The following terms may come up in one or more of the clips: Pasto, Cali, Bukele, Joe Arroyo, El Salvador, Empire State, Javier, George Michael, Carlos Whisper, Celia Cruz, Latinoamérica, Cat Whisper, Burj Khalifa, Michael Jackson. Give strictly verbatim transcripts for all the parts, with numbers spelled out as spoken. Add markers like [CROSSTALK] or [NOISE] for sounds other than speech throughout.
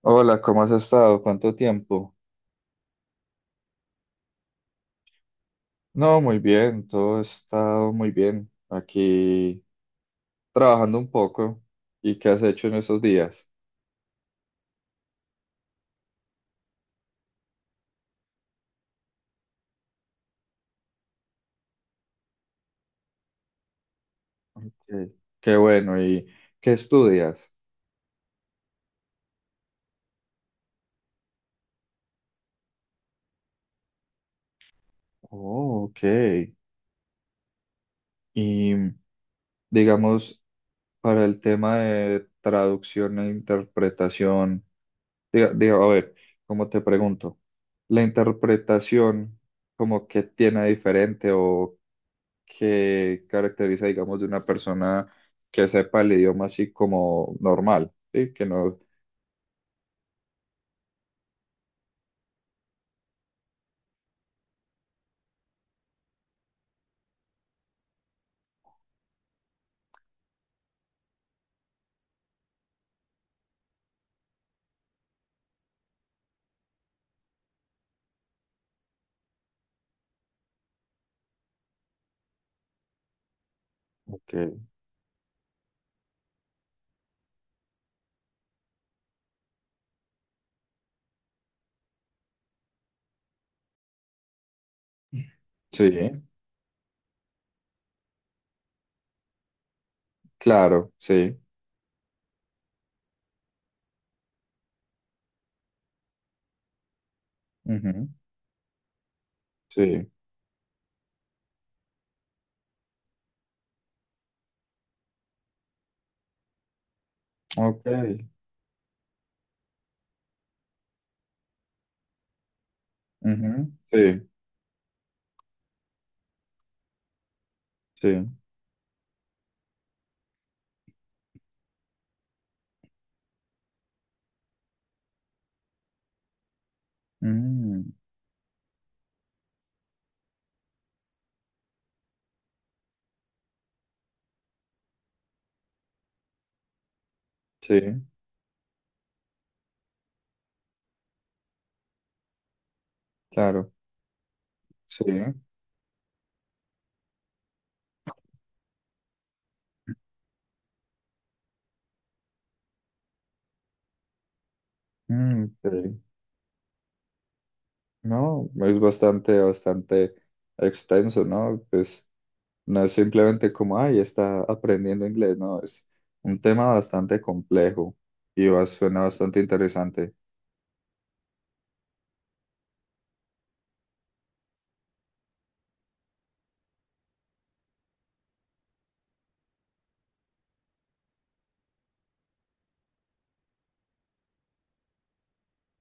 Hola, ¿cómo has estado? ¿Cuánto tiempo? No, muy bien, todo ha estado muy bien. Aquí trabajando un poco. ¿Y qué has hecho en estos días? Ok. Qué bueno, ¿y qué estudias? Oh, ok. Y digamos, para el tema de traducción e interpretación, diga, diga, a ver, ¿cómo te pregunto? ¿La interpretación como que tiene diferente o que caracteriza, digamos, de una persona que sepa el idioma así como normal, ¿sí? Que no, ok, sí, claro, sí, ujú, sí, ok, ujú, sí, sí, mm, sí, claro, sí, mm, sí. No, es bastante, bastante extenso, ¿no? Pues no es simplemente como, ay, está aprendiendo inglés, no, es un tema bastante complejo y va- suena bastante interesante.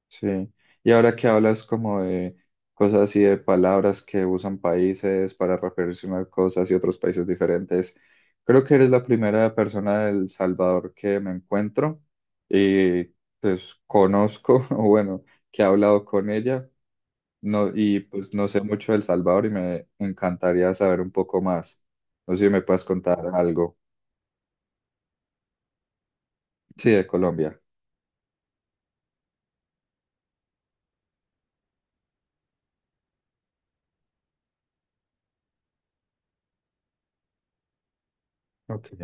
Sí, y ahora que hablas como de cosas así de palabras que usan países para referirse a unas cosas y otros países diferentes, creo que eres la primera persona del Salvador que me encuentro y pues conozco, [LAUGHS] o bueno, que he hablado con ella, no, y pues no sé mucho del Salvador y me encantaría saber un poco más. No sé si me puedes contar algo. Sí, de Colombia. Ok.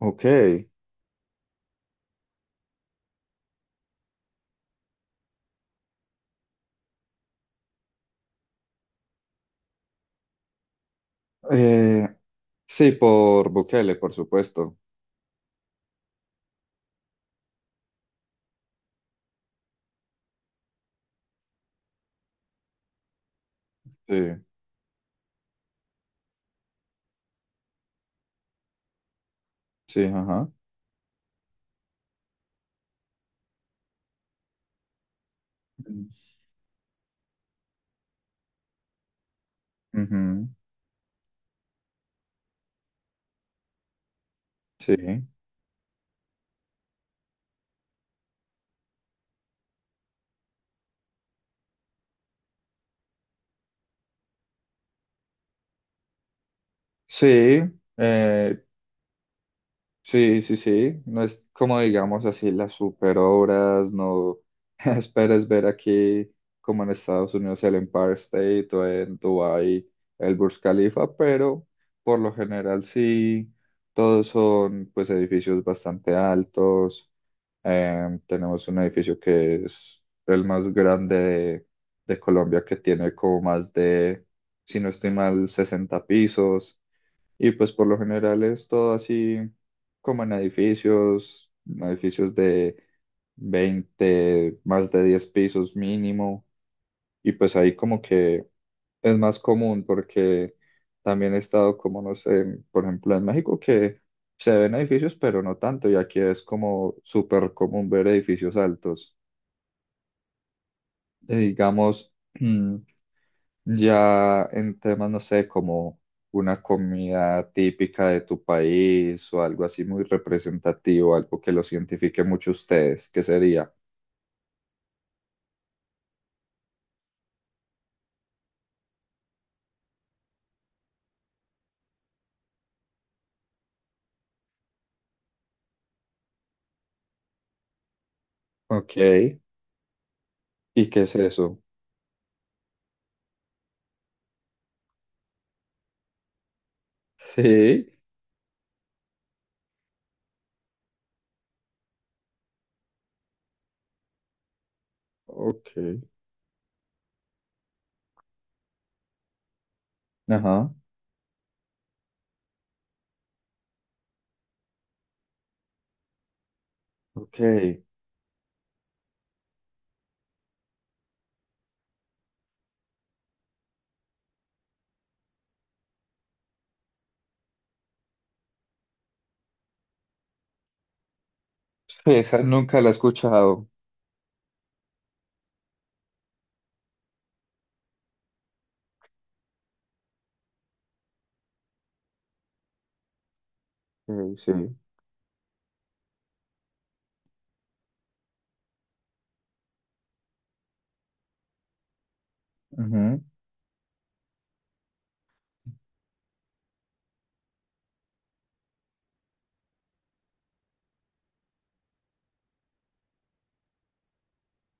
Ok. Eh, sí, por Bukele, por supuesto. Sí. Sí, ajá. Mm. Ujú, sí, sí, eh, sí, sí, sí. No es como digamos así las super obras, no [LAUGHS] esperes ver aquí como en Estados Unidos el Empire State o en Dubái el Burj Khalifa, pero por lo general sí, todos son pues edificios bastante altos. Eh, tenemos un edificio que es el más grande de, de Colombia, que tiene como más de, si no estoy mal, sesenta pisos. Y pues por lo general es todo así como en edificios, edificios de veinte, más de diez pisos mínimo, y pues ahí como que es más común porque también he estado como, no sé, en- por ejemplo, en México, que se ven edificios, pero no tanto, y aquí es como súper común ver edificios altos. Eh, digamos, mm, ya en temas, no sé, como una comida típica de tu país o algo así muy representativo, algo que los identifique mucho a ustedes, ¿qué sería? Ok. ¿Y qué es eso? Sí. Ok. Ajá. Ok. Esa nunca la he escuchado. Eh, sí. Ujú,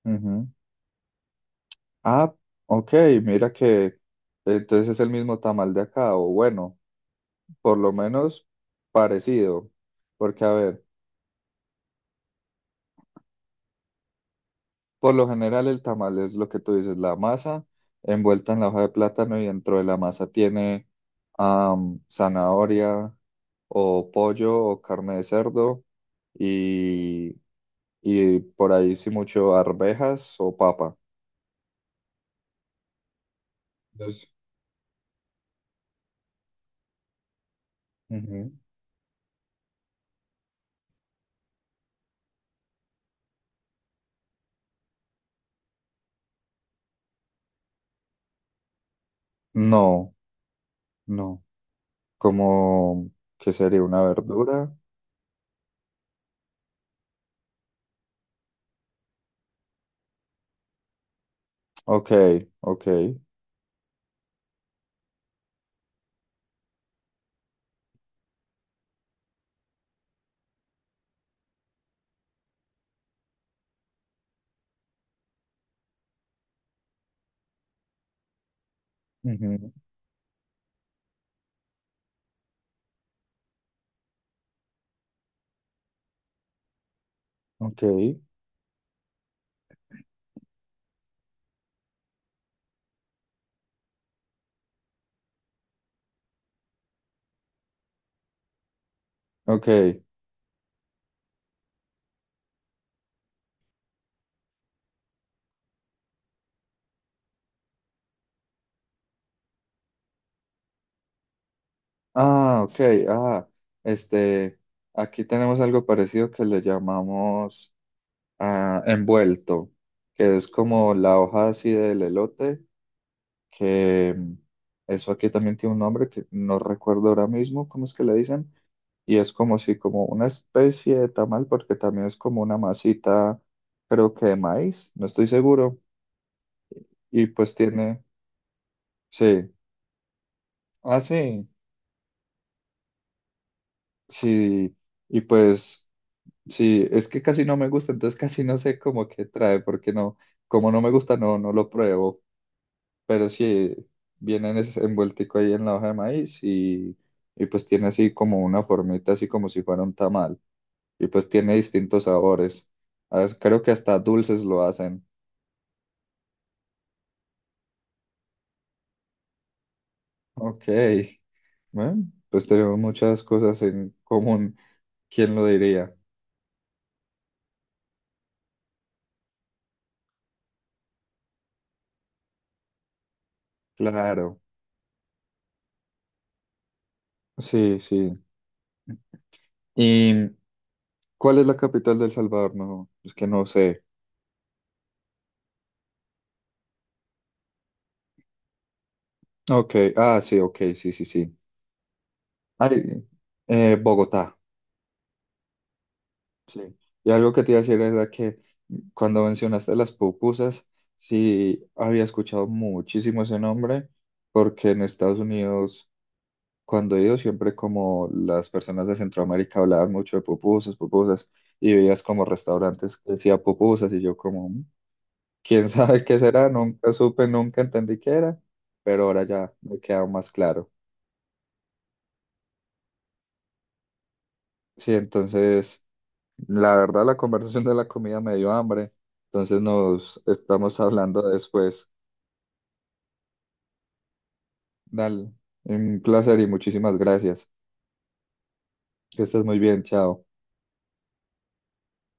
ujú. Ah, ok, mira que entonces es el mismo tamal de acá, o bueno, por lo menos parecido, porque a ver, por lo general el tamal es lo que tú dices, la masa envuelta en la hoja de plátano, y dentro de la masa tiene am, zanahoria o pollo o carne de cerdo y, y por ahí sí mucho arvejas o papa. Entonces, no, no, como que sería una verdura. Ok, ok, ujú, ok, ok. Ah, ok. Ah, este, aquí tenemos algo parecido que le llamamos, ah, envuelto, que es como la hoja así del elote, que mm, eso aquí también tiene un nombre que no recuerdo ahora mismo, ¿cómo es que le dicen? Y es como si como una especie de tamal, porque también es como una masita, creo que de maíz, no estoy seguro, y pues tiene, sí, ah, sí, sí, y pues sí, es que casi no me gusta, entonces casi no sé cómo que trae, porque no, como no me gusta, no, no lo pruebo, pero sí, viene en ese envueltico ahí en la hoja de maíz y, y pues tiene así como una formita, así como si fuera un tamal, y pues tiene distintos sabores, ah, creo que hasta dulces lo hacen. Ok, bueno, pues tenemos muchas cosas en común. ¿Quién lo diría? Claro, sí, sí. ¿Y cuál es la capital de El Salvador? No, es que no sé. Ok, ah, sí, ok, sí, sí, sí. Ay, eh, Bogotá, sí. Y algo que te iba a decir era que cuando mencionaste las pupusas, sí, había escuchado muchísimo ese nombre, porque en Estados Unidos, cuando he ido, siempre como las personas de Centroamérica hablaban mucho de pupusas, pupusas, y veías como restaurantes que decía pupusas, y yo como, "Mm, quién [LAUGHS] sabe qué será", nunca supe, nunca entendí qué era, pero ahora ya me queda más claro. Sí, entonces, la verdad, la conversación de la comida me dio hambre, entonces nos estamos hablando después. Dale, un placer y muchísimas gracias. Que estés muy bien, chao.